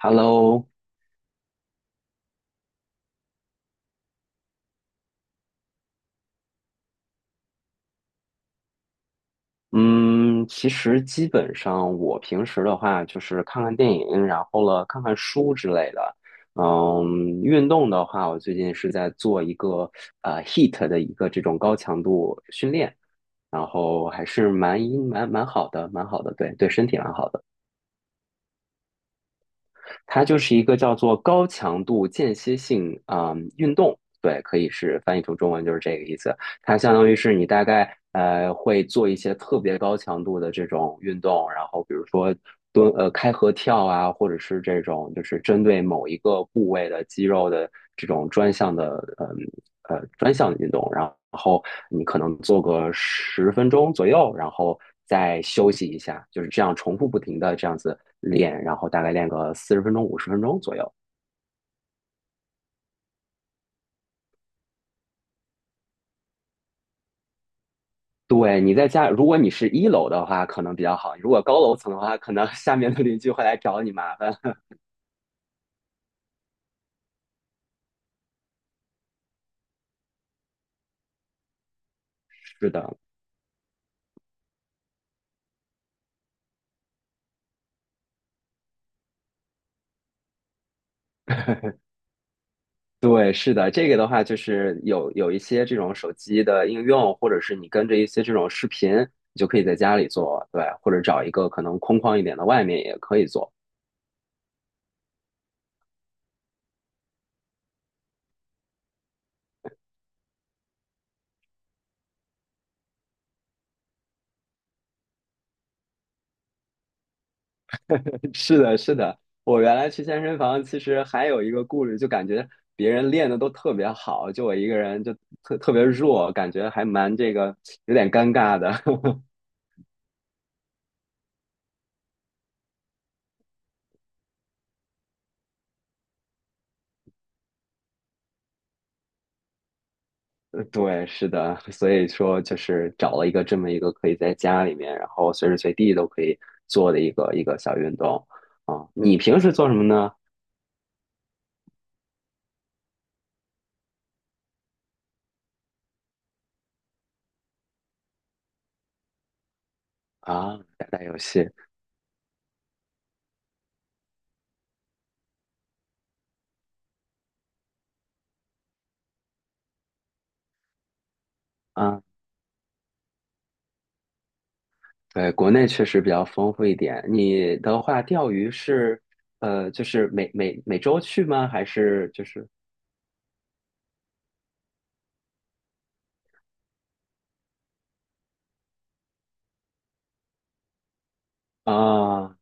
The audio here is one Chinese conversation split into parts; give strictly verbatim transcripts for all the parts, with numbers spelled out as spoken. Hello，嗯，其实基本上我平时的话就是看看电影，然后了看看书之类的。嗯，运动的话，我最近是在做一个呃 h e a t 的一个这种高强度训练，然后还是蛮蛮蛮好的，蛮好的，对对，身体蛮好的。它就是一个叫做高强度间歇性啊、嗯运动，对，可以是翻译成中文就是这个意思。它相当于是你大概呃会做一些特别高强度的这种运动，然后比如说蹲呃开合跳啊，或者是这种就是针对某一个部位的肌肉的这种专项的嗯呃专项的运动，然后你可能做个十分钟左右，然后再休息一下，就是这样重复不停的这样子练，然后大概练个四十分钟五十分钟左右。对，你在家，如果你是一楼的话，可能比较好；如果高楼层的话，可能 下面的邻居会来找你麻烦。是的，对，是的，这个的话就是有有一些这种手机的应用，或者是你跟着一些这种视频，你就可以在家里做，对，或者找一个可能空旷一点的外面也可以做。是的，是的，我原来去健身房，其实还有一个顾虑，就感觉别人练的都特别好，就我一个人就特特别弱，感觉还蛮这个有点尴尬的。对，是的，所以说就是找了一个这么一个可以在家里面，然后随时随地都可以做的一个一个小运动。啊、你平时做什么呢？啊，打打游戏啊，对，国内确实比较丰富一点。你的话，钓鱼是呃，就是每每每周去吗？还是就是啊，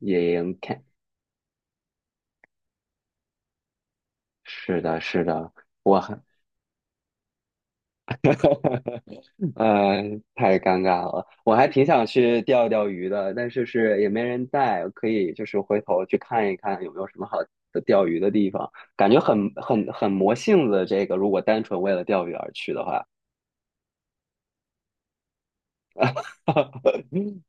野营 c 是的，是的，我还 呃，太尴尬了，我还挺想去钓钓鱼的，但是是也没人带，可以就是回头去看一看有没有什么好的钓鱼的地方，感觉很很很魔性子。这个如果单纯为了钓鱼而去的话，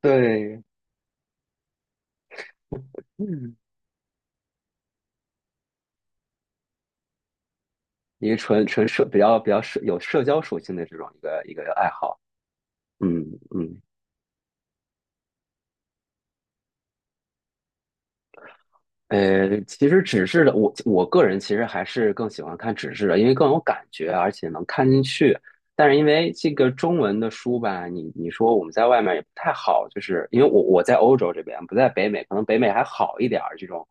对，嗯，一个纯纯社比较比较社有社交属性的这种一个一个爱好，嗯嗯。呃，其实纸质的，我我个人其实还是更喜欢看纸质的，因为更有感觉，而且能看进去。但是因为这个中文的书吧，你你说我们在外面也不太好，就是因为我我在欧洲这边，不在北美，可能北美还好一点儿这种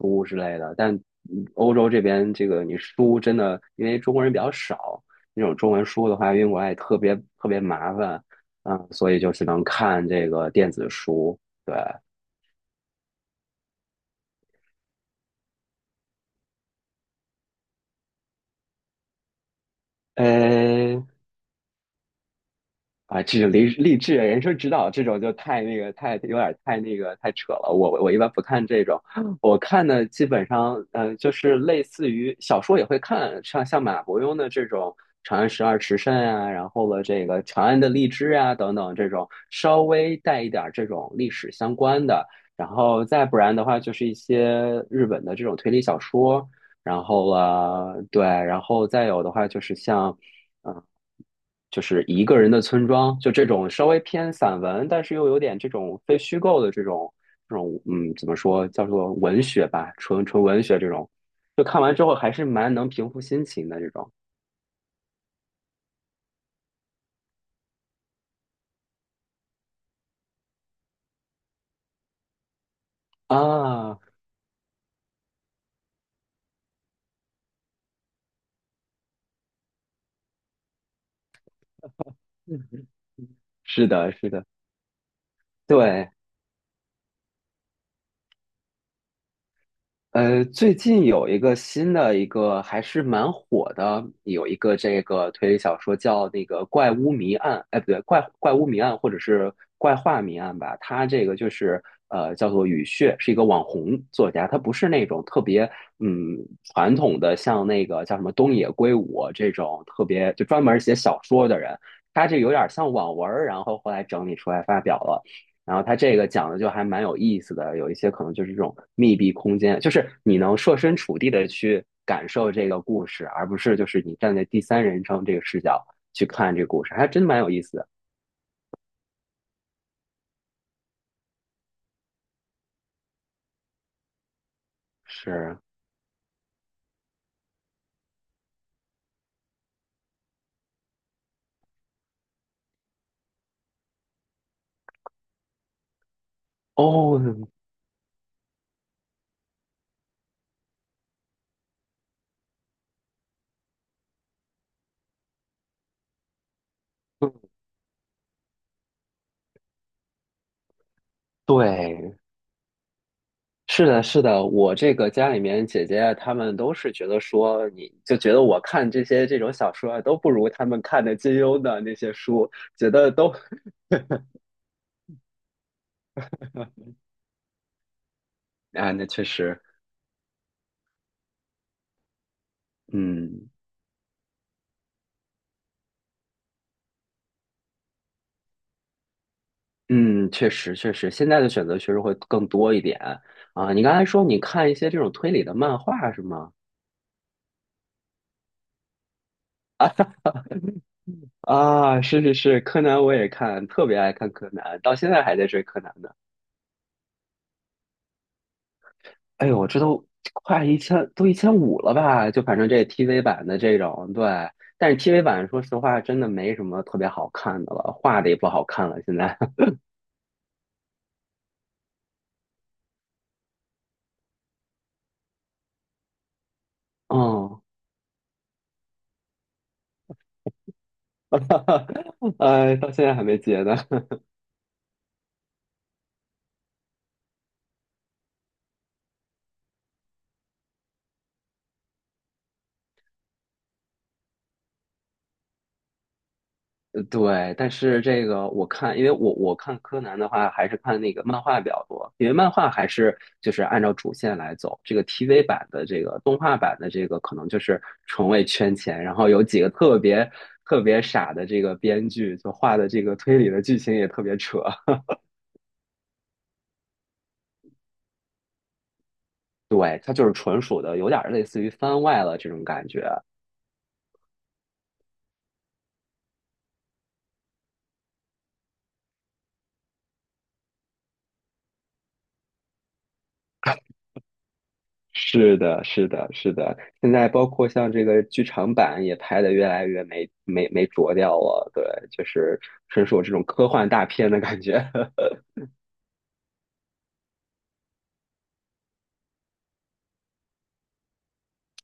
书之类的，但嗯欧洲这边这个你书真的，因为中国人比较少，那种中文书的话运过来也特别特别麻烦，嗯，所以就只能看这个电子书，对。呃，啊，这种励励志人生指导这种就太那个太有点太那个太扯了。我我一般不看这种，我看的基本上嗯、呃就是类似于小说也会看，像像马伯庸的这种《长安十二时辰》啊，然后了这个《长安的荔枝》啊等等这种稍微带一点儿这种历史相关的，然后再不然的话就是一些日本的这种推理小说，然后了对，然后再有的话就是像。呃就是一个人的村庄，就这种稍微偏散文，但是又有点这种非虚构的这种这种嗯，怎么说叫做文学吧，纯纯文学这种，就看完之后还是蛮能平复心情的这种啊。是的，是的，对。呃，最近有一个新的一个还是蛮火的，有一个这个推理小说叫那个《怪屋谜案》，哎，不对，怪怪屋谜案或者是怪画谜案吧。它这个就是呃叫做雨穴，是一个网红作家，他不是那种特别嗯传统的像那个叫什么东野圭吾这种特别就专门写小说的人，他这有点像网文儿，然后后来整理出来发表了。然后它这个讲的就还蛮有意思的，有一些可能就是这种密闭空间，就是你能设身处地的去感受这个故事，而不是就是你站在第三人称这个视角去看这个故事，还真蛮有意思的。是哦，对，是的，是的，我这个家里面姐姐啊她们都是觉得说，你就觉得我看这些这种小说啊，都不如他们看的金庸的那些书，觉得都 啊，那确实，嗯。嗯，确实确实，现在的选择确实会更多一点啊。你刚才说你看一些这种推理的漫画是吗？啊，是是是，柯南我也看，特别爱看柯南，到现在还在追柯南呢。哎呦，这都快一千，都一千五了吧？就反正这 T V 版的这种，对。但是 T V 版说实话真的没什么特别好看的了，画的也不好看了，现在。嗯，呃，到现在还没结呢。呃对，但是这个我看，因为我我看柯南的话，还是看那个漫画比较多，因为漫画还是就是按照主线来走。这个 T V 版的这个动画版的这个，可能就是纯为圈钱，然后有几个特别特别傻的这个编剧，就画的这个推理的剧情也特别扯。对，它就是纯属的，有点儿类似于番外了这种感觉。是的，是的，是的。现在包括像这个剧场版也拍的越来越没没没着调了，对，就是纯属这种科幻大片的感觉。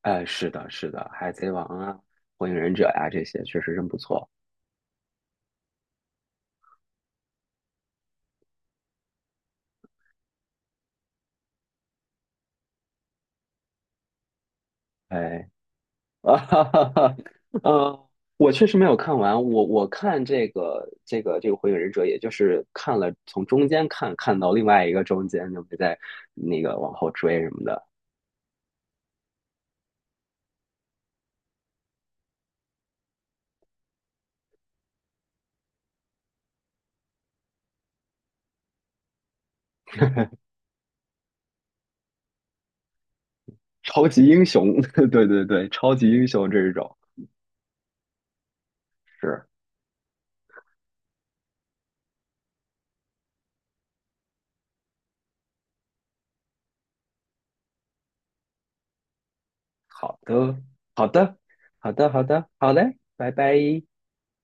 哎，是的，是的，《海贼王》啊，《火影忍者》呀，这些确实真不错。哎，啊哈哈哈，呃，我确实没有看完，我我看这个这个这个《火影忍者》，也就是看了从中间看看到另外一个中间，就没再那个往后追什么的。超级英雄，对对对，超级英雄这一种是好的，好的，好的，好的，好嘞，拜拜。